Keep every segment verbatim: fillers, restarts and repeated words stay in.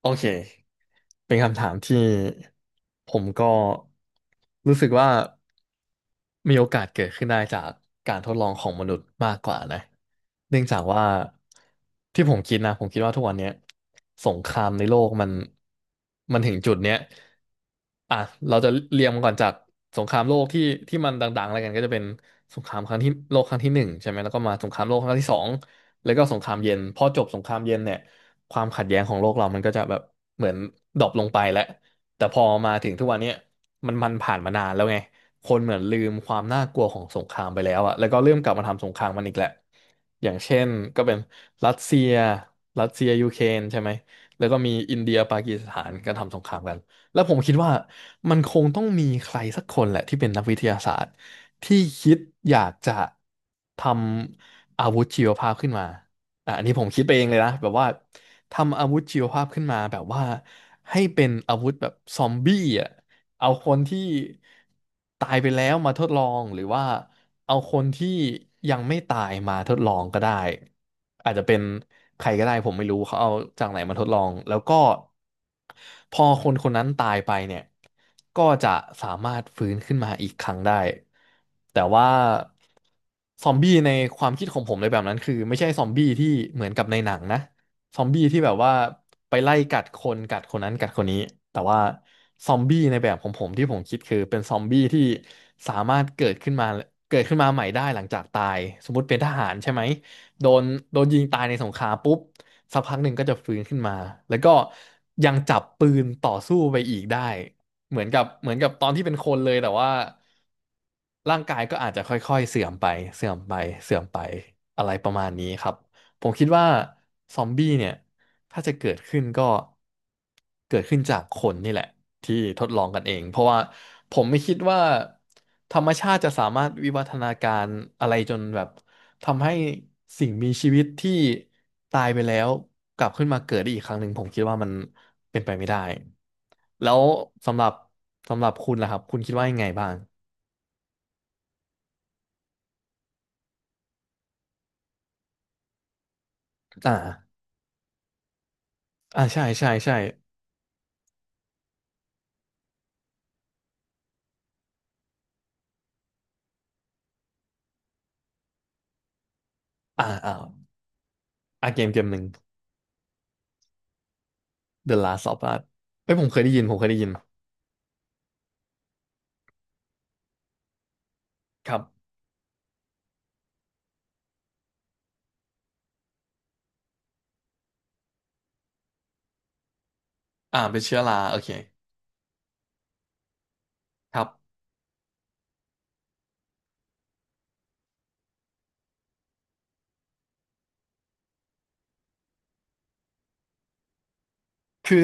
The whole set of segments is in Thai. โอเคเป็นคำถามที่ผมก็รู้สึกว่ามีโอกาสเกิดขึ้นได้จากการทดลองของมนุษย์มากกว่านะเนื่องจากว่าที่ผมคิดนะผมคิดว่าทุกวันเนี้ยสงครามในโลกมันมันถึงจุดเนี้ยอ่ะเราจะเรียงมันก่อนจากสงครามโลกที่ที่มันดังๆอะไรกันก็จะเป็นสงครามครั้งที่โลกครั้งที่หนึ่งใช่ไหมแล้วก็มาสงครามโลกครั้งที่สองแล้วก็สงครามเย็นพอจบสงครามเย็นเนี่ยความขัดแย้งของโลกเรามันก็จะแบบ เหมือนดรอปลงไปแล้วแต่พอมาถึงทุกวันเนี้ยมันมันผ่านมานานแล้วไงคนเหมือนลืมความน่ากลัวของสงครามไปแล้วอะแล้วก็เริ่มกลับมาทำสงครามมันอีกแหละอย่างเช่นก็เป็นรัสเซียรัสเซียยูเครนใช่ไหมแล้วก็มีอินเดียปากีสถานก็ทำสงครามกันแล้วผมคิดว่ามันคงต้องมีใครสักคนแหละที่เป็นนักวิทยาศาสตร์ที่คิดอยากจะทำอาวุธชีวภาพขึ้นมาอ่ะอันนี้ผมคิดไปเองเลยนะแบบว่า ทำอาวุธชีวภาพขึ้นมาแบบว่าให้เป็นอาวุธแบบซอมบี้อ่ะเอาคนที่ตายไปแล้วมาทดลองหรือว่าเอาคนที่ยังไม่ตายมาทดลองก็ได้อาจจะเป็นใครก็ได้ผมไม่รู้เขาเอาจากไหนมาทดลองแล้วก็พอคนคนนั้นตายไปเนี่ยก็จะสามารถฟื้นขึ้นมาอีกครั้งได้แต่ว่าซอมบี้ในความคิดของผมในแบบนั้นคือไม่ใช่ซอมบี้ที่เหมือนกับในหนังนะ ซอมบี้ที่แบบว่าไปไล่กัดคนกัดคนนั้นกัดคนนี้แต่ว่าซอมบี้ในแบบของผมที่ผมคิดคือเป็นซอมบี้ที่สามารถเกิดขึ้นมาเกิดขึ้นมาใหม่ได้หลังจากตายสมมติเป็นทหารใช่ไหมโดนโดนยิงตายในสงครามปุ๊บสักพักหนึ่งก็จะฟื้นขึ้นมาแล้วก็ยังจับปืนต่อสู้ไปอีกได้เหมือนกับเหมือนกับตอนที่เป็นคนเลยแต่ว่าร่างกายก็อาจจะค่อยๆเสื่อมไปเสื่อมไปเสื่อมไปอะไรประมาณนี้ครับ ผมคิดว่าซอมบี้เนี่ยถ้าจะเกิดขึ้นก็เกิดขึ้นจากคนนี่แหละที่ทดลองกันเองเพราะว่าผมไม่คิดว่าธรรมชาติจะสามารถวิวัฒนาการอะไรจนแบบทำให้สิ่งมีชีวิตที่ตายไปแล้วกลับขึ้นมาเกิดได้อีกครั้งหนึ่งผมคิดว่ามันเป็นไปไม่ได้แล้วสำหรับสำหรับคุณล่ะครับคุณคิดว่ายังไงบ้างอ่าอ่าใช่ใช่ใช่อ่าอ่าอ่าเกมเกมหนึ่ง The Last of Us เอ้ยผมเคยได้ยินผมเคยได้ยิน ครับอ่าเป็นเชื้อราโอเคครับคือ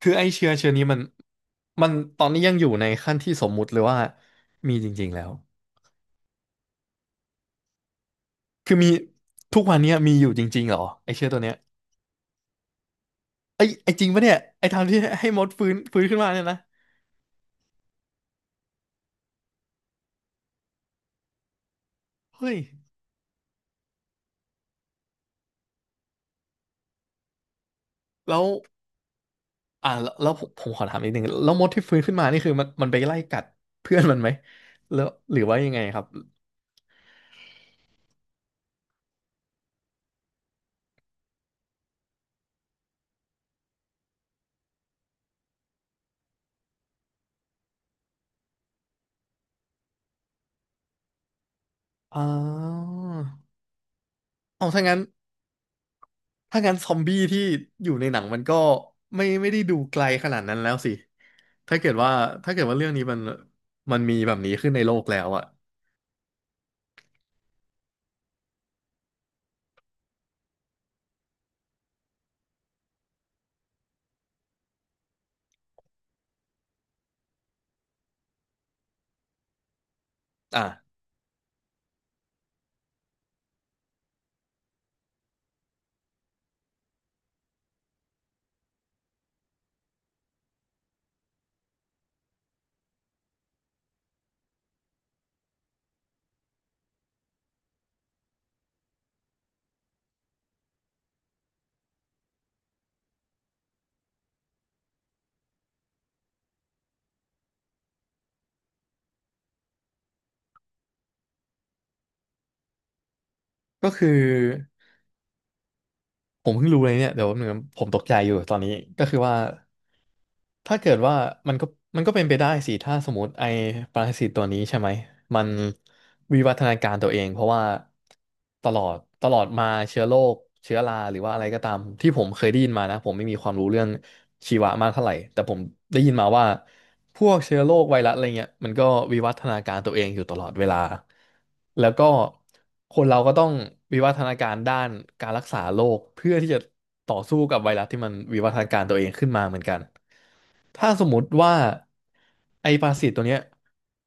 คือไอเชื้อเชื้อนี้มัน มันตอนนี้ยังอยู่ในขั้นที่สมมุติเลยว่า มีจริงๆแล้วคือมีทุกวันเนี้ยมีอยู่จริงๆเหรอไอเชื้อตัวเนี้ยไอยไอจริงปะเนี่ยไอทางที่ให้มดฟื้นฟื้นขึ้นมาเนี่ยนะเฮ้ยแล้วอ่าแล้วแล้วผมผมขอถามนิดนึงแล้วมดที่ฟื้นขึ้นมานี่คือมันมันไปไล่กัดเพื่อนมันไหมแล้วหรือว่ายังไงครับอ๋อเอาถ้างั้น ถ้างั้นซอมบี้ที่อยู่ในหนังมันก็ไม่ไม่ได้ดูไกลขนาดนั้นแล้วสิ ถ้าเกิดว่าถ้าเกิดว่าเรื่องนี้มันมันมีแบบนี้ขึ้นในโลกแล้วอะอ่ะ ก็คือผมเพิ่งรู้เลยเนี่ยเดี๋ยวแป๊บนึงนะผมตกใจอยู่ตอนนี้ก็คือว่า ถ้าเกิดว่ามันก็มันก็เป็นไปได้สิถ้าสมมติไอ้ปรสิตตัวนี้ใช่ไหมมันวิวัฒนาการตัวเองเพราะว่าตลอดตลอดมาเชื้อโรคเชื้อราหรือว่าอะไรก็ตามที่ผมเคยได้ยินมานะผมไม่มีความรู้เรื่องชีวะมากเท่าไหร่แต่ผมได้ยินมาว่าพวกเชื้อโรคไวรัสอะไรเงี้ยมันก็วิวัฒนาการตัวเองอยู่ตลอดเวลาแล้วก็คนเราก็ต้องวิวัฒนาการด้านการรักษาโรคเพื่อที่จะต่อสู้กับไวรัสที่มันวิวัฒนาการตัวเองขึ้นมาเหมือนกัน ถ้าสมมติว่าไอปรสิตตัวเนี้ย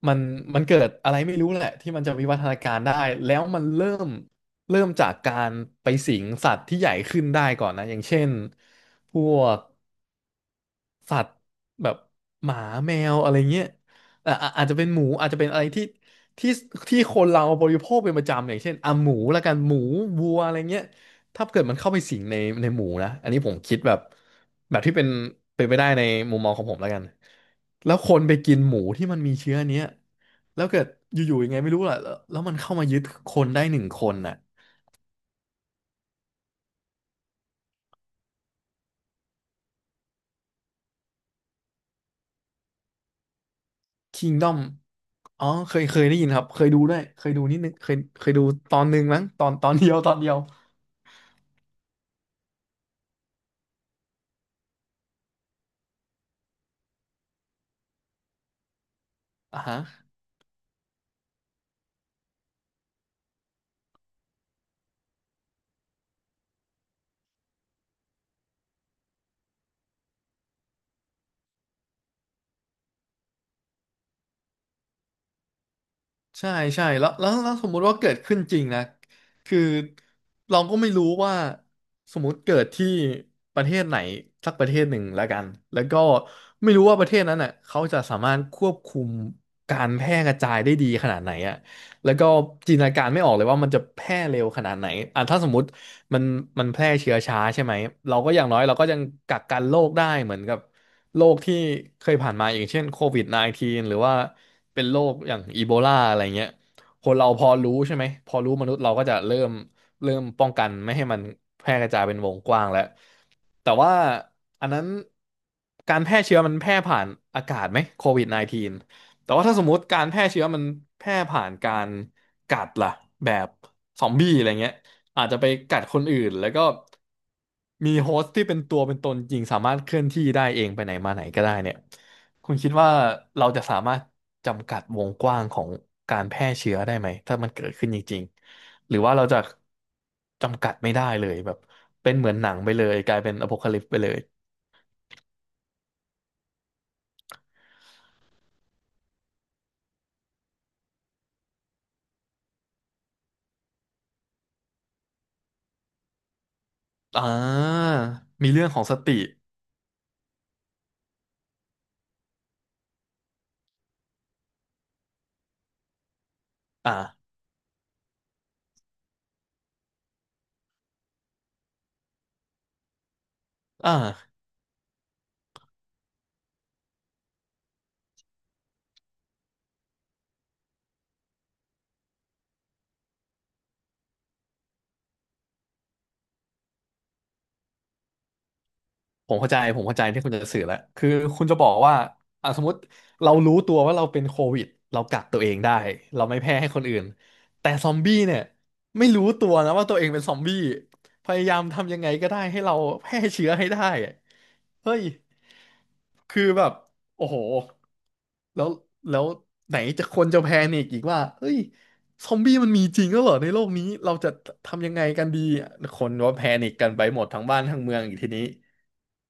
มันมันเกิดอะไรไม่รู้แหละที่มันจะวิวัฒนาการได้แล้วมันเริ่มเริ่มจากการไปสิงสัตว์ที่ใหญ่ขึ้นได้ก่อนนะอย่างเช่นพวก สัตว์แบบหมาแมวอะไรเงี้ยอ่ะอ่ะอาจจะเป็นหมูอาจจะเป็นอะไรที่ที่ที่คนเราบริโภคเป็นประจำอย่างเช่นอ่ะหมูละกันหมูวัวอะไรเงี้ยถ้าเกิดมันเข้าไปสิงในในหมูนะอันนี้ผมคิดแบบแบบที่เป็นเป็นไปได้ในมุมมองของผมแล้วกันแล้วคนไปกินหมูที่มันมีเชื้อเนี้ยแล้วเกิดอยู่ๆยังไงไม่รู้ล่ะแล้วแล้วมันเข้ามายึดคนได้หนึ่งคนน่ะ Kingdom อ๋อเคยเคยได้ยินครับ เคยดูด้วยเคยดูนิดนึงเคยเคยดูตอนหนึ่งมั้งตอนตอนเดียวตอนเดียวอ่ะฮะใช่ใช่แล้วแล้วแล้วสมมุติว่าเกิดขึ้นจริงนะคือเราก็ไม่รู้ว่าสมมุติเกิดที่ประเทศไหนสักประเทศหนึ่งแล้วกันแล้วก็ไม่รู้ว่าประเทศนั้นน่ะเขาจะสามารถควบคุมการแพร่กระจายได้ดีขนาดไหนอ่ะแล้วก็จินตนาการไม่ออกเลยว่ามันจะแพร่เร็วขนาดไหนอ่ะถ้าสมมติ มันมันแพร่เชื้อช้าใช่ไหมเราก็อย่างน้อยเราก็ยังกักกันโรคได้เหมือนกับโรคที่เคยผ่านมาอย่างเช่นโควิด สิบเก้า หรือว่าเป็นโรคอย่างอีโบลาอะไรเงี้ยคนเราพอรู้ใช่ไหมพอรู้มนุษย์เราก็จะเริ่มเริ่มป้องกันไม่ให้มันแพร่กระจายเป็นวงกว้างแล้วแต่ว่าอันนั้นการแพร่เชื้อมันแพร่ผ่านอากาศไหมโควิด สิบเก้า แต่ว่าถ้าสมมติการแพร่เชื้อมันแพร่ผ่านการกัดล่ะแบบซอมบี้อะไรเงี้ย อาจจะไปกัดคนอื่นแล้วก็มีโฮสต์ที่เป็นตัวเป็นตนจริงสามารถเคลื่อนที่ได้เองไปไหนมาไหนก็ได้เนี่ยคุณคิดว่าเราจะสามารถจำกัดวงกว้างของการแพร่เชื้อได้ไหมถ้ามันเกิดขึ้นจริงๆหรือว่าเราจะจำกัดไม่ได้เลยแบบเป็นเหมือนหนังไปเลยกลายเป็นอโพคาลิปส์ไปเลยอ่ามีเรื่องของสติอ่าอ่า ผมเข้าใจผมเข้าใจที่คุณจะสื่อแล้วคือคุณจะบอกว่าอ่ะสมมติเรารู้ตัวว่าเราเป็นโควิดเรากักตัวเองได้เราไม่แพร่ให้คนอื่นแต่ซอมบี้เนี่ยไม่รู้ตัวนะว่าตัวเองเป็นซอมบี้พยายามทำยังไงก็ได้ให้เราแพร่เชื้อให้ได้อะเฮ้ยคือแบบโอ้โหแล้วแล้วไหนจะคนจะแพนิกอีกว่าเฮ้ยซอมบี้มันมีจริงแล้วเหรอในโลกนี้เราจะทำยังไงกันดีคนว่าแพนิกกันไปหมดทั้งบ้านทั้งเมืองอีกทีนี้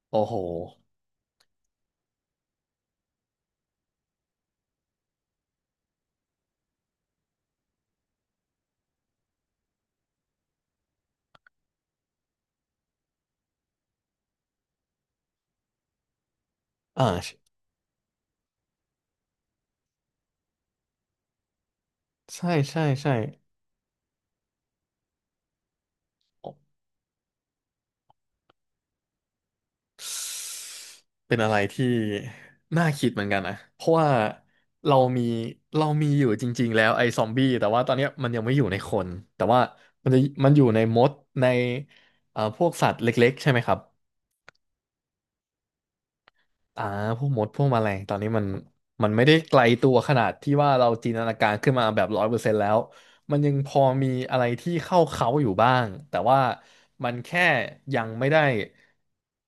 โอ้โหอ่าใช่ใช่ใช่โอ้เป็นอะไรที่น่าคิดเหมือนกันนะ เพราะว่าเรามีเรามีอยู่จริงๆแล้วไอ้ซอมบี้แต่ว่าตอนเนี้ยมันยังไม่อยู่ในคนแต่ว่ามันจะมันอยู่ในมดในเอ่อพวกสัตว์เล็กๆใช่ไหมครับ อ่าพวกมดพวกแมลงตอนนี้มันมันไม่ได้ไกลตัวขนาดที่ว่าเราจินตนาการขึ้นมาแบบร้อยเปอร์เซ็นต์แล้วมันยังพอมีอะไรที่เข้าเขาอยู่บ้างแต่ว่ามันแค่ยังไม่ได้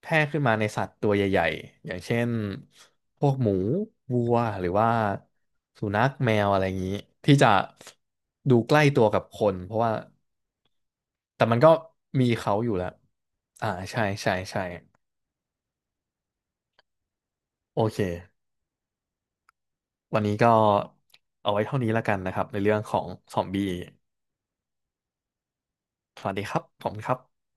แพร่ขึ้นมาในสัตว์ตัวใหญ่ๆอย่างเช่นพวกหมูวัวหรือว่าสุนัขแมวอะไรอย่างนี้ที่จะดูใกล้ตัวกับคนเพราะว่าแต่มันก็มีเขาอยู่แล้วอ่าใช่ใช่ใช่โอเค วันนี้ก็เอาไว้เท่านี้ละกันนะครับในเรื่องของซอมบี้สวัสดีครับผมคณครับ